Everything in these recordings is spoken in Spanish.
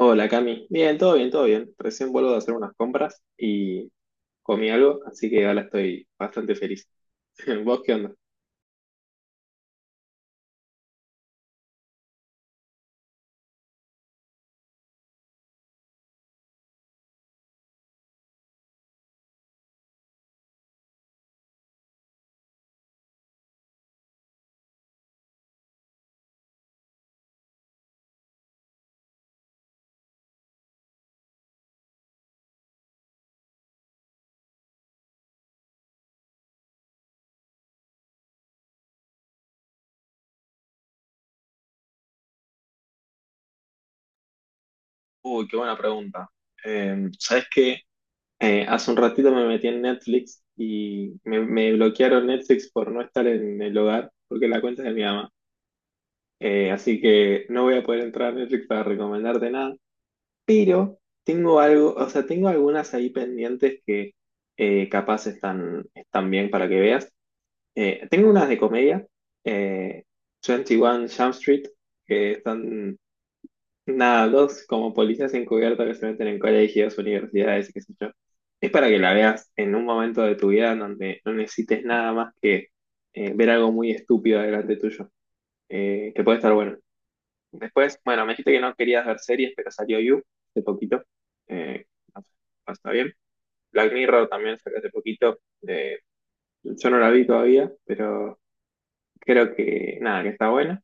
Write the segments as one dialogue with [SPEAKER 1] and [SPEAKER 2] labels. [SPEAKER 1] Hola Cami, bien, todo bien, todo bien. Recién vuelvo de hacer unas compras y comí algo, así que ahora estoy bastante feliz. ¿Vos qué onda? Uy, qué buena pregunta. ¿Sabés qué? Hace un ratito me metí en Netflix y me bloquearon Netflix por no estar en el hogar, porque la cuenta es de mi mamá. Así que no voy a poder entrar a Netflix para recomendarte nada, pero tengo algo, o sea, tengo algunas ahí pendientes que capaz están, están bien para que veas. Tengo unas de comedia, eh, 21 Jump Street, que son nada, dos como policías encubiertos que se meten en colegios, universidades y qué sé yo. Es para que la veas en un momento de tu vida en donde no necesites nada más que ver algo muy estúpido delante tuyo, que puede estar bueno. Después, bueno, me dijiste que no querías ver series, pero salió You hace poquito. Eh, no sé, no está bien. Black Mirror también salió hace poquito. eh, yo no la vi todavía, pero creo que nada, que está buena.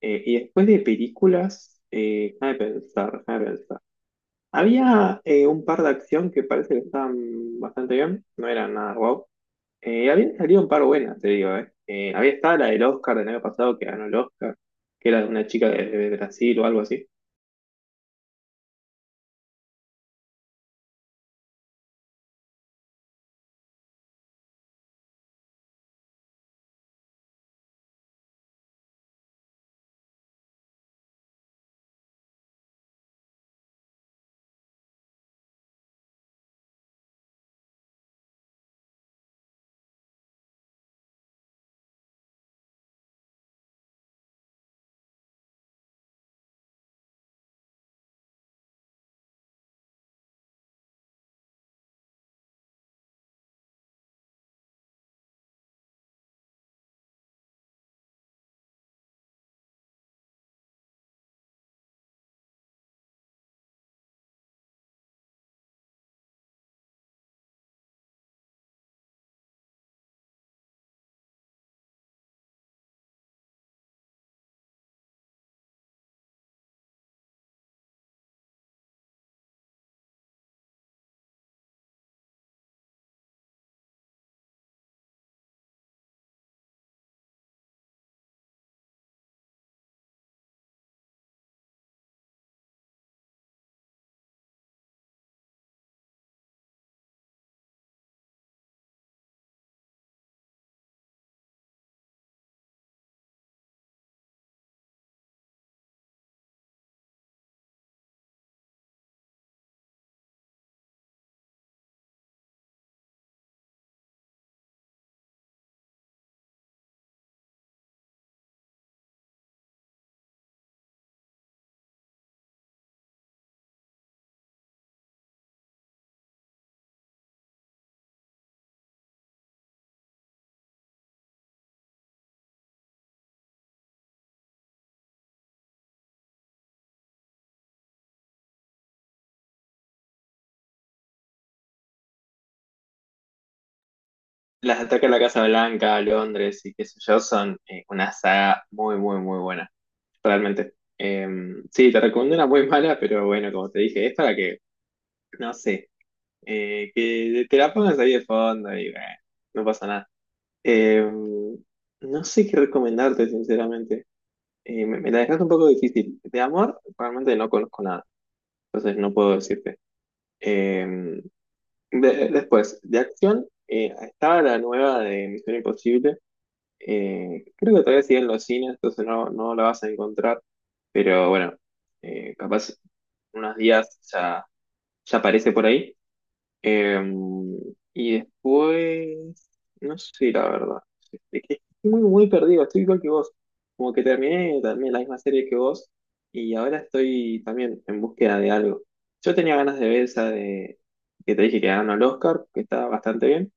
[SPEAKER 1] Y después de películas, déjame pensar, déjame pensar. Había un par de acción que parece que estaban bastante bien, no eran nada guau. Habían salido un par buenas, te digo, eh. Había estado la del Oscar del año pasado que ganó el Oscar, que era de una chica de Brasil o algo así. Las de Ataque a la Casa Blanca, Londres y qué sé yo, son una saga muy, muy, muy buena, realmente. Sí, te recomiendo una muy mala, pero bueno, como te dije, es para que, no sé. Que te la pongas ahí de fondo y bueno, no pasa nada. Eh, no sé qué recomendarte, sinceramente. Me la dejaste un poco difícil. De amor, realmente no conozco nada, entonces no puedo decirte. Eh, Después, de acción, estaba la nueva de Misión Imposible. Creo que todavía sigue en los cines, entonces no, no la vas a encontrar. Pero bueno, capaz unos días ya aparece por ahí. Em, y después, no sé, la verdad. Es que estoy muy, muy perdido, estoy igual que vos. Como que terminé también la misma serie que vos y ahora estoy también en búsqueda de algo. Yo tenía ganas de ver esa de que te dije que ganó el Oscar, que está bastante bien.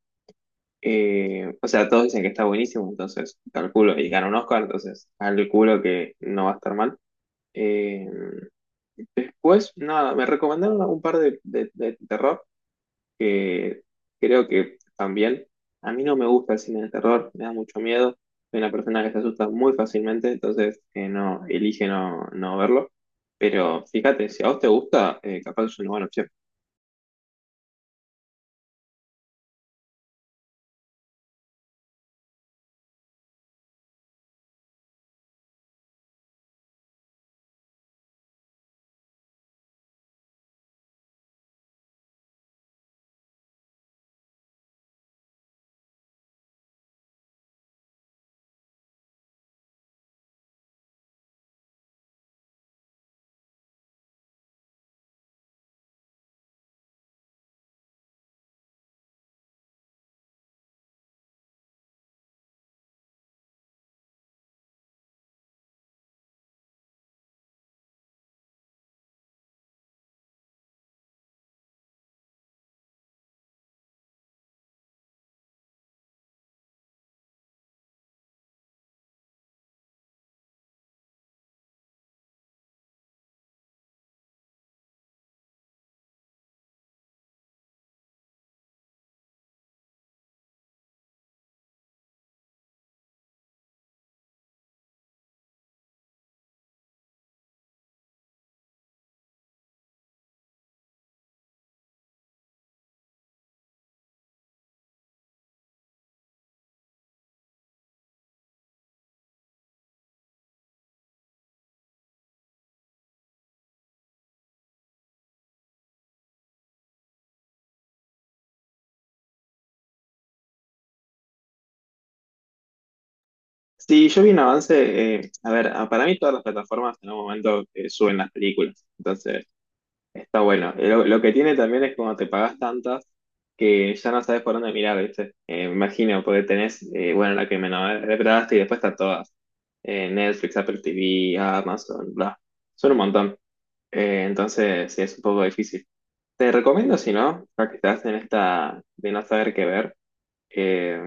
[SPEAKER 1] O sea, todos dicen que está buenísimo, entonces calculo, y ganó un Oscar, entonces calculo que no va a estar mal. Eh, Después, nada, me recomendaron un par de terror que creo que también a mí no me gusta el cine de terror, me da mucho miedo. Soy una persona que se asusta muy fácilmente, entonces no elige no, no verlo. Pero fíjate, si a vos te gusta, capaz es una buena opción. Sí, yo vi un avance, a ver, para mí todas las plataformas en algún momento suben las películas. Entonces, está bueno. Lo que tiene también es cuando te pagas tantas que ya no sabes por dónde mirar, ¿viste? Me imagino, porque tenés, bueno, la que me nombraste y después están todas. Netflix, Apple TV, Amazon, bla. Son un montón. Entonces, sí, es un poco difícil. Te recomiendo, si no, ya que estás en esta de no saber qué ver, eh,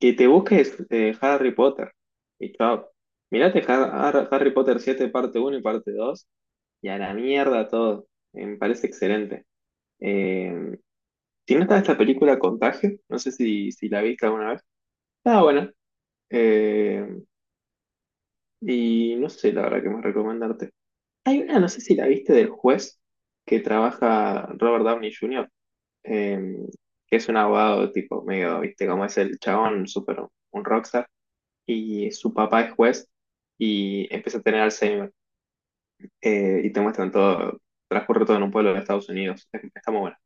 [SPEAKER 1] que te busques Harry Potter. Y chao. Mirate Harry Potter 7 parte uno y parte 2 y a la mierda todo. Me parece excelente. Eh, si no está esta película Contagio, no sé si la viste alguna vez. Ah, bueno. Eh, y no sé la verdad que más recomendarte. Hay una, no sé si la viste del juez que trabaja Robert Downey Jr., eh, que es un abogado tipo medio, viste, como es el chabón, súper un rockstar, y su papá es juez y empieza a tener Alzheimer. Y te muestran todo, transcurre todo en un pueblo de Estados Unidos. Está muy buena.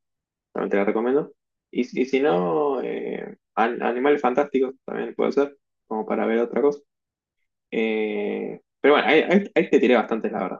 [SPEAKER 1] También te la recomiendo. Y si no, Animales Fantásticos también puede ser, como para ver otra cosa. Pero bueno, ahí te tiré bastante, la verdad.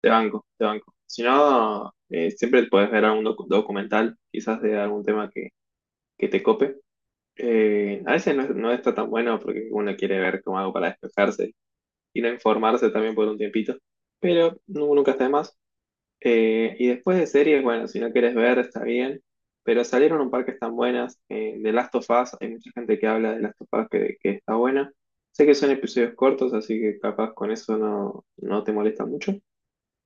[SPEAKER 1] Te banco, te banco. Si no, siempre puedes ver algún documental, quizás de algún tema que te cope. A veces no, no está tan bueno porque uno quiere ver como algo para despejarse y no informarse también por un tiempito, pero nunca está de más. Y después de series, bueno, si no quieres ver, está bien. Pero salieron un par que están buenas. The Last of Us, hay mucha gente que habla de Last of Us que está buena. Sé que son episodios cortos, así que capaz con eso no, no te molesta mucho.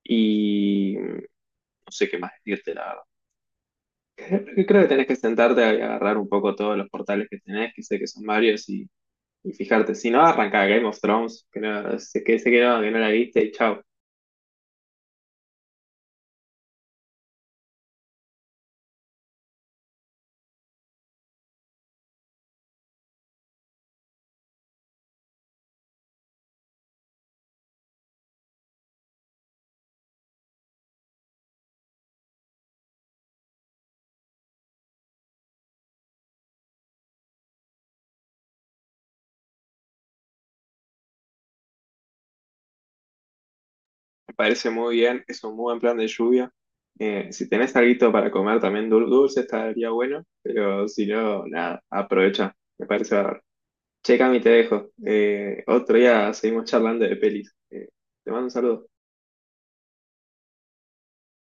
[SPEAKER 1] Y mm, no sé qué más decirte, la verdad. Creo que tenés que sentarte a agarrar un poco todos los portales que tenés, que sé que son varios, y fijarte. Si no, arranca Game of Thrones, que no, sé que no la viste y chao. Me parece muy bien, es un muy buen plan de lluvia. Si tenés alguito para comer también dulce, estaría bueno, pero si no, nada, aprovecha, me parece bárbaro. Che, Cami, te dejo. Otro día seguimos charlando de pelis. Te mando un saludo.